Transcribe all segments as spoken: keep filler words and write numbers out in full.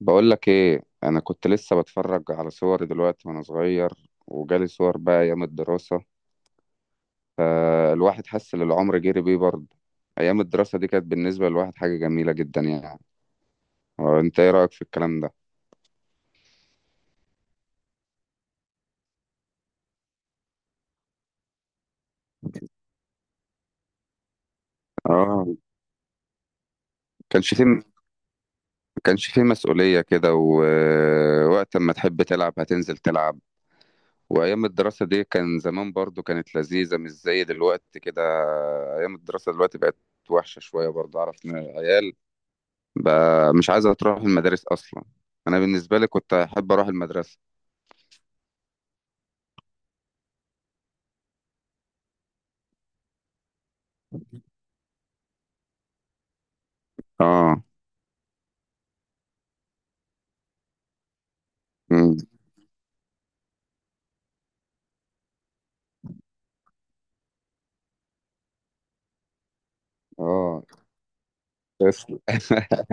بقول لك ايه، انا كنت لسه بتفرج على صوري دلوقتي وانا صغير، وجالي صور بقى ايام الدراسة. الواحد حس ان العمر جري بيه برضه. ايام الدراسة دي كانت بالنسبة للواحد حاجة جميلة جدا يعني. هو انت ايه رأيك في الكلام ده؟ اه. كانش فيه كانش فيه مسؤولية كده، ووقت ما تحب تلعب هتنزل تلعب. وايام الدراسة دي كان زمان برضه كانت لذيذة، مش زي دلوقتي كده. ايام الدراسة دلوقتي بقت وحشة شوية برضه، اعرف إن عيال بقى مش عايزة تروح المدارس أصلا. أنا بالنسبة لي كنت أحب أروح المدرسة. آه. مم. آه. تسلم.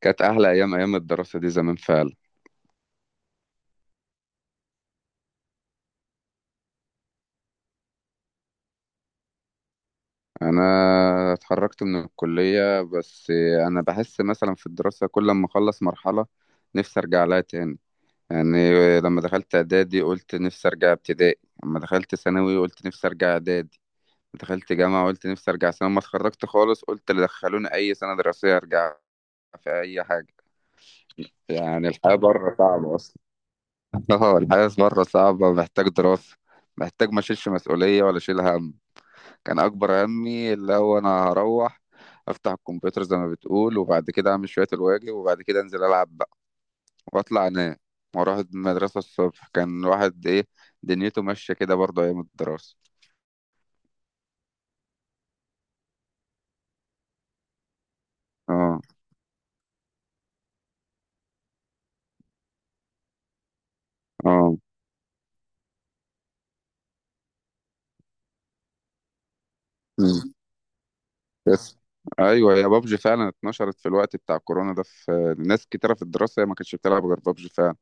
كانت أحلى أيام أيام الدراسة دي زمان فعلا. أنا اتخرجت من الكلية بس. أنا بحس مثلا في الدراسة كل ما أخلص مرحلة نفسي أرجع لها تاني، يعني لما دخلت إعدادي قلت نفسي أرجع ابتدائي، لما دخلت ثانوي قلت نفسي أرجع إعدادي، دخلت جامعة قلت نفسي أرجع ثانوي، لما اتخرجت خالص قلت اللي دخلوني أي سنة دراسية أرجع في أي حاجة. يعني الحياة بره صعبة أصلا. اه، الحياة بره صعبة، محتاج دراسة، محتاج ما أشيلش مسؤولية ولا أشيل هم. كان أكبر همي اللي هو أنا هروح أفتح الكمبيوتر زي ما بتقول، وبعد كده أعمل شوية الواجب، وبعد كده أنزل ألعب بقى، وأطلع أنام، وأروح المدرسة الصبح. كان واحد إيه، دنيته ماشية كده برضه أيام الدراسة. اه. اه. مم. بس. ايوه يا بابجي، فعلا اتنشرت في الوقت بتاع كورونا ده، في ناس كتيره في الدراسه هي ما كانتش بتلعب غير بابجي فعلا.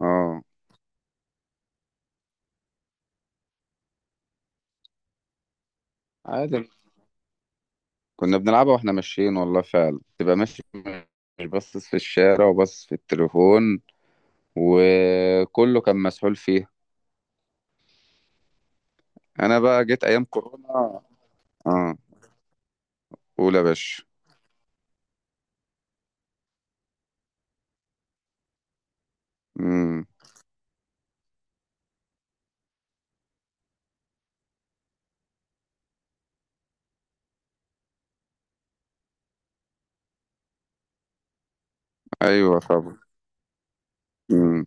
اه. عادي، كنا بنلعبها واحنا ماشيين والله، فعلا تبقى ماشي مش باصص في الشارع وباصص في التليفون، وكله كان مسحول فيها. انا بقى جيت ايام كورونا. اه. قول يا باشا. امم. ايوه طبعا. امم.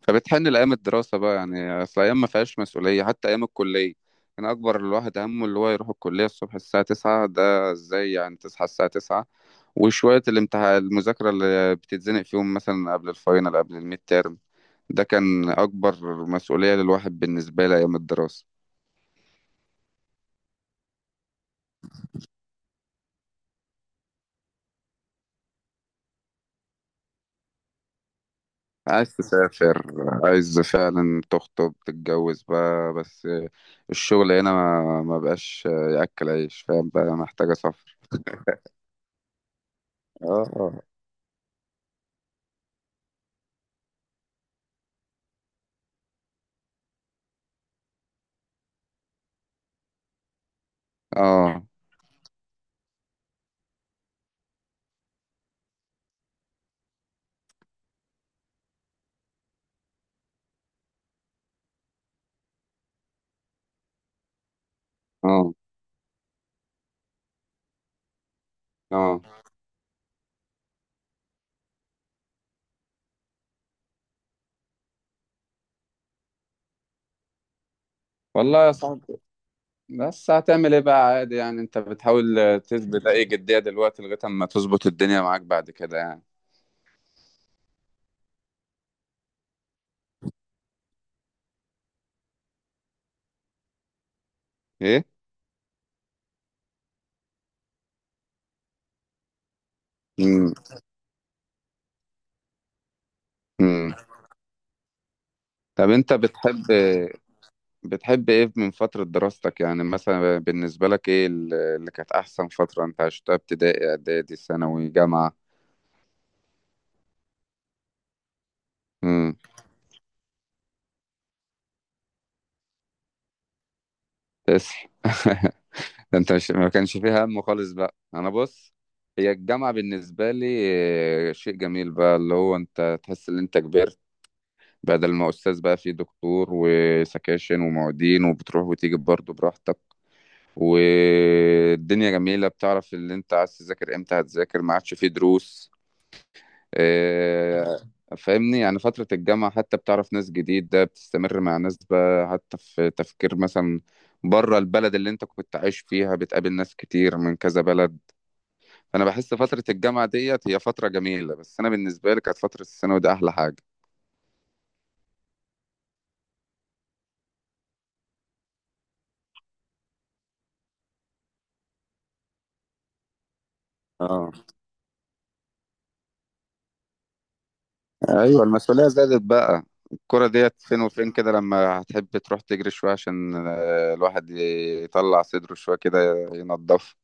فبتحن لايام الدراسه بقى، يعني اصل ايام ما فيهاش مسؤوليه. حتى ايام الكليه كان اكبر الواحد همه اللي هو يروح الكليه الصبح الساعه تسعة. ده ازاي يعني تصحى الساعه تسعة؟ وشويه الامتحان، المذاكره اللي بتتزنق فيهم مثلا قبل الفاينل قبل الميد تيرم، ده كان أكبر مسؤولية للواحد بالنسبة لي أيام الدراسة. عايز تسافر، عايز فعلا تخطب تتجوز بقى. بس الشغل هنا ما ما بقاش يأكل عيش فاهم، بقى محتاجة سفر. اه. اه. اه. اه والله يا صاحبي، بس هتعمل ايه بقى؟ عادي يعني، انت بتحاول تثبت اي جدية دلوقتي لغاية اما تظبط الدنيا معاك بعد كده يعني. ايه. امم. امم. طب انت بتحب بتحب ايه من فترة دراستك يعني؟ مثلا بالنسبة لك ايه ال- اللي كانت احسن فترة انت عشتها؟ ابتدائي، اعدادي، ثانوي، جامعة؟ امم. تسلم. ده انت مش ما كانش فيها هم خالص بقى. انا بص، هي الجامعة بالنسبة لي آه، شيء جميل بقى، اللي هو انت تحس ان انت كبرت، بدل ما استاذ بقى في دكتور وسكاشن ومعيدين، وبتروح وتيجي برضه براحتك، والدنيا جميلة، بتعرف اللي انت عايز تذاكر امتى هتذاكر، ما عادش فيه دروس آه، فاهمني يعني. فترة الجامعة حتى بتعرف ناس جديدة، بتستمر مع ناس بقى، حتى في تفكير مثلا بره البلد اللي انت كنت عايش فيها، بتقابل ناس كتير من كذا بلد. فأنا بحس فترة الجامعة ديت هي فترة جميلة، بس أنا بالنسبة لي كانت فترة الثانوي دي أحلى حاجة. اه. ايوه، المسؤوليه زادت بقى. الكرة ديت فين وفين كده، لما هتحب تروح تجري شويه عشان آه، الواحد يطلع صدره شويه كده، ينضف.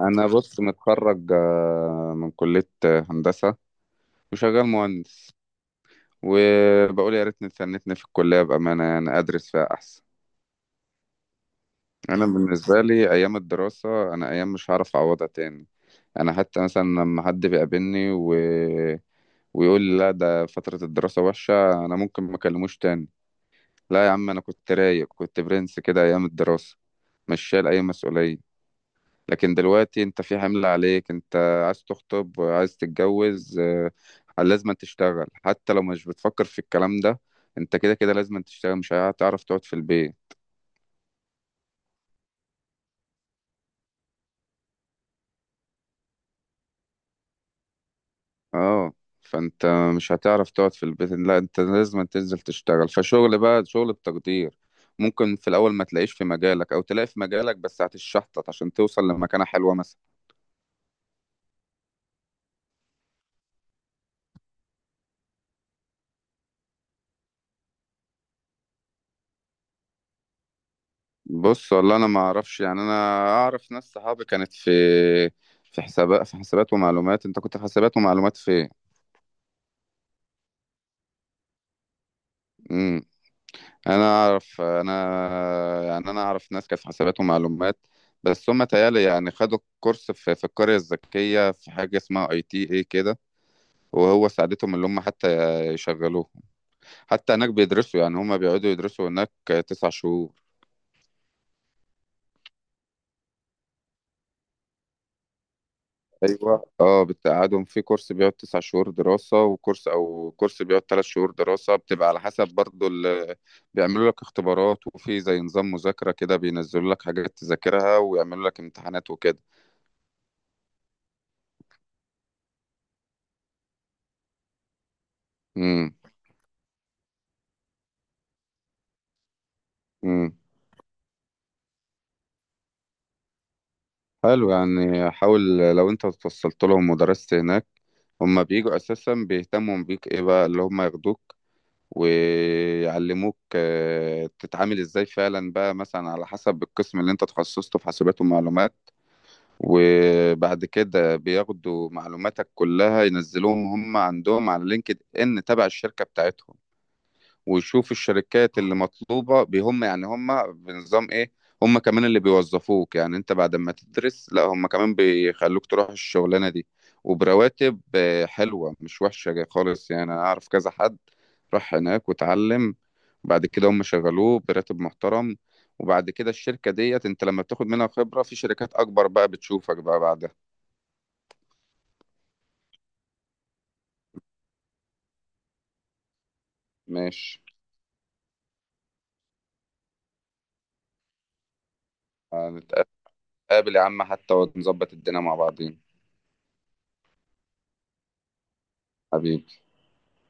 انا بص، متخرج آه، من كليه آه، هندسه، وشغال مهندس. وبقول يا ريتني اتسنتني في الكلية بأمانة، يعني أدرس فيها أحسن. أنا بالنسبة لي أيام الدراسة، أنا أيام مش هعرف أعوضها تاني. أنا حتى مثلا لما حد بيقابلني و... ويقول لي لا ده فترة الدراسة وحشة، أنا ممكن ما أكلموش تاني. لا يا عم، أنا كنت رايق، كنت برنس كده أيام الدراسة، مش شايل أي مسؤولية. لكن دلوقتي انت في حمل عليك. انت عايز تخطب، عايز تتجوز آه، لازم تشتغل. حتى لو مش بتفكر في الكلام ده، انت كده كده لازم تشتغل، مش هتعرف تقعد في البيت. اه. فانت مش هتعرف تقعد في البيت. لا، انت لازم تنزل تشتغل، فشغل بقى شغل بتقدير. ممكن في الاول ما تلاقيش في مجالك او تلاقي في مجالك، بس هتتشحطط عشان توصل لمكانة حلوة مثلا. بص والله، انا ما اعرفش يعني. انا اعرف ناس صحابي كانت في، في حسابات في حسابات ومعلومات. انت كنت في حسابات ومعلومات في ايه؟ امم. انا اعرف، انا يعني، انا اعرف ناس كانت في حسابات ومعلومات، بس هم تهيألي يعني خدوا كورس في في القرية الذكية، في حاجة اسمها اي تي اي كده. وهو ساعدتهم اللي هم حتى يشغلوه. حتى هناك بيدرسوا، يعني هم بيقعدوا يدرسوا هناك تسع شهور. ايوه اه، بتقعدهم في كورس بيقعد تسع شهور دراسه، وكورس او كورس بيقعد ثلاث شهور دراسه، بتبقى على حسب برضو ال... بيعملوا لك اختبارات، وفي زي نظام مذاكره كده، بينزلوا لك حاجات تذاكرها، ويعملوا لك امتحانات وكده. امم. امم. حلو يعني، حاول. لو انت اتوصلت لهم ودرست هناك، هما بيجوا اساسا بيهتموا بيك، ايه بقى اللي هما ياخدوك ويعلموك آه، تتعامل ازاي فعلا بقى، مثلا على حسب القسم اللي انت تخصصته في حاسبات ومعلومات. وبعد كده بياخدوا معلوماتك كلها، ينزلوهم هم عندهم على لينكد ان تبع الشركة بتاعتهم، ويشوف الشركات اللي مطلوبة بهم، يعني هم بنظام ايه. هم كمان اللي بيوظفوك، يعني انت بعد ما تدرس لا، هم كمان بيخلوك تروح الشغلانة دي، وبرواتب آه، حلوة، مش وحشة خالص. يعني انا اعرف كذا حد راح هناك واتعلم، بعد كده هم شغلوه براتب محترم. وبعد كده الشركة ديت انت لما بتاخد منها خبرة، في شركات اكبر بقى بتشوفك بقى بعدها. ماشي. هنتقابل يا عم حتى، ونظبط الدنيا مع بعضين. حبيبي.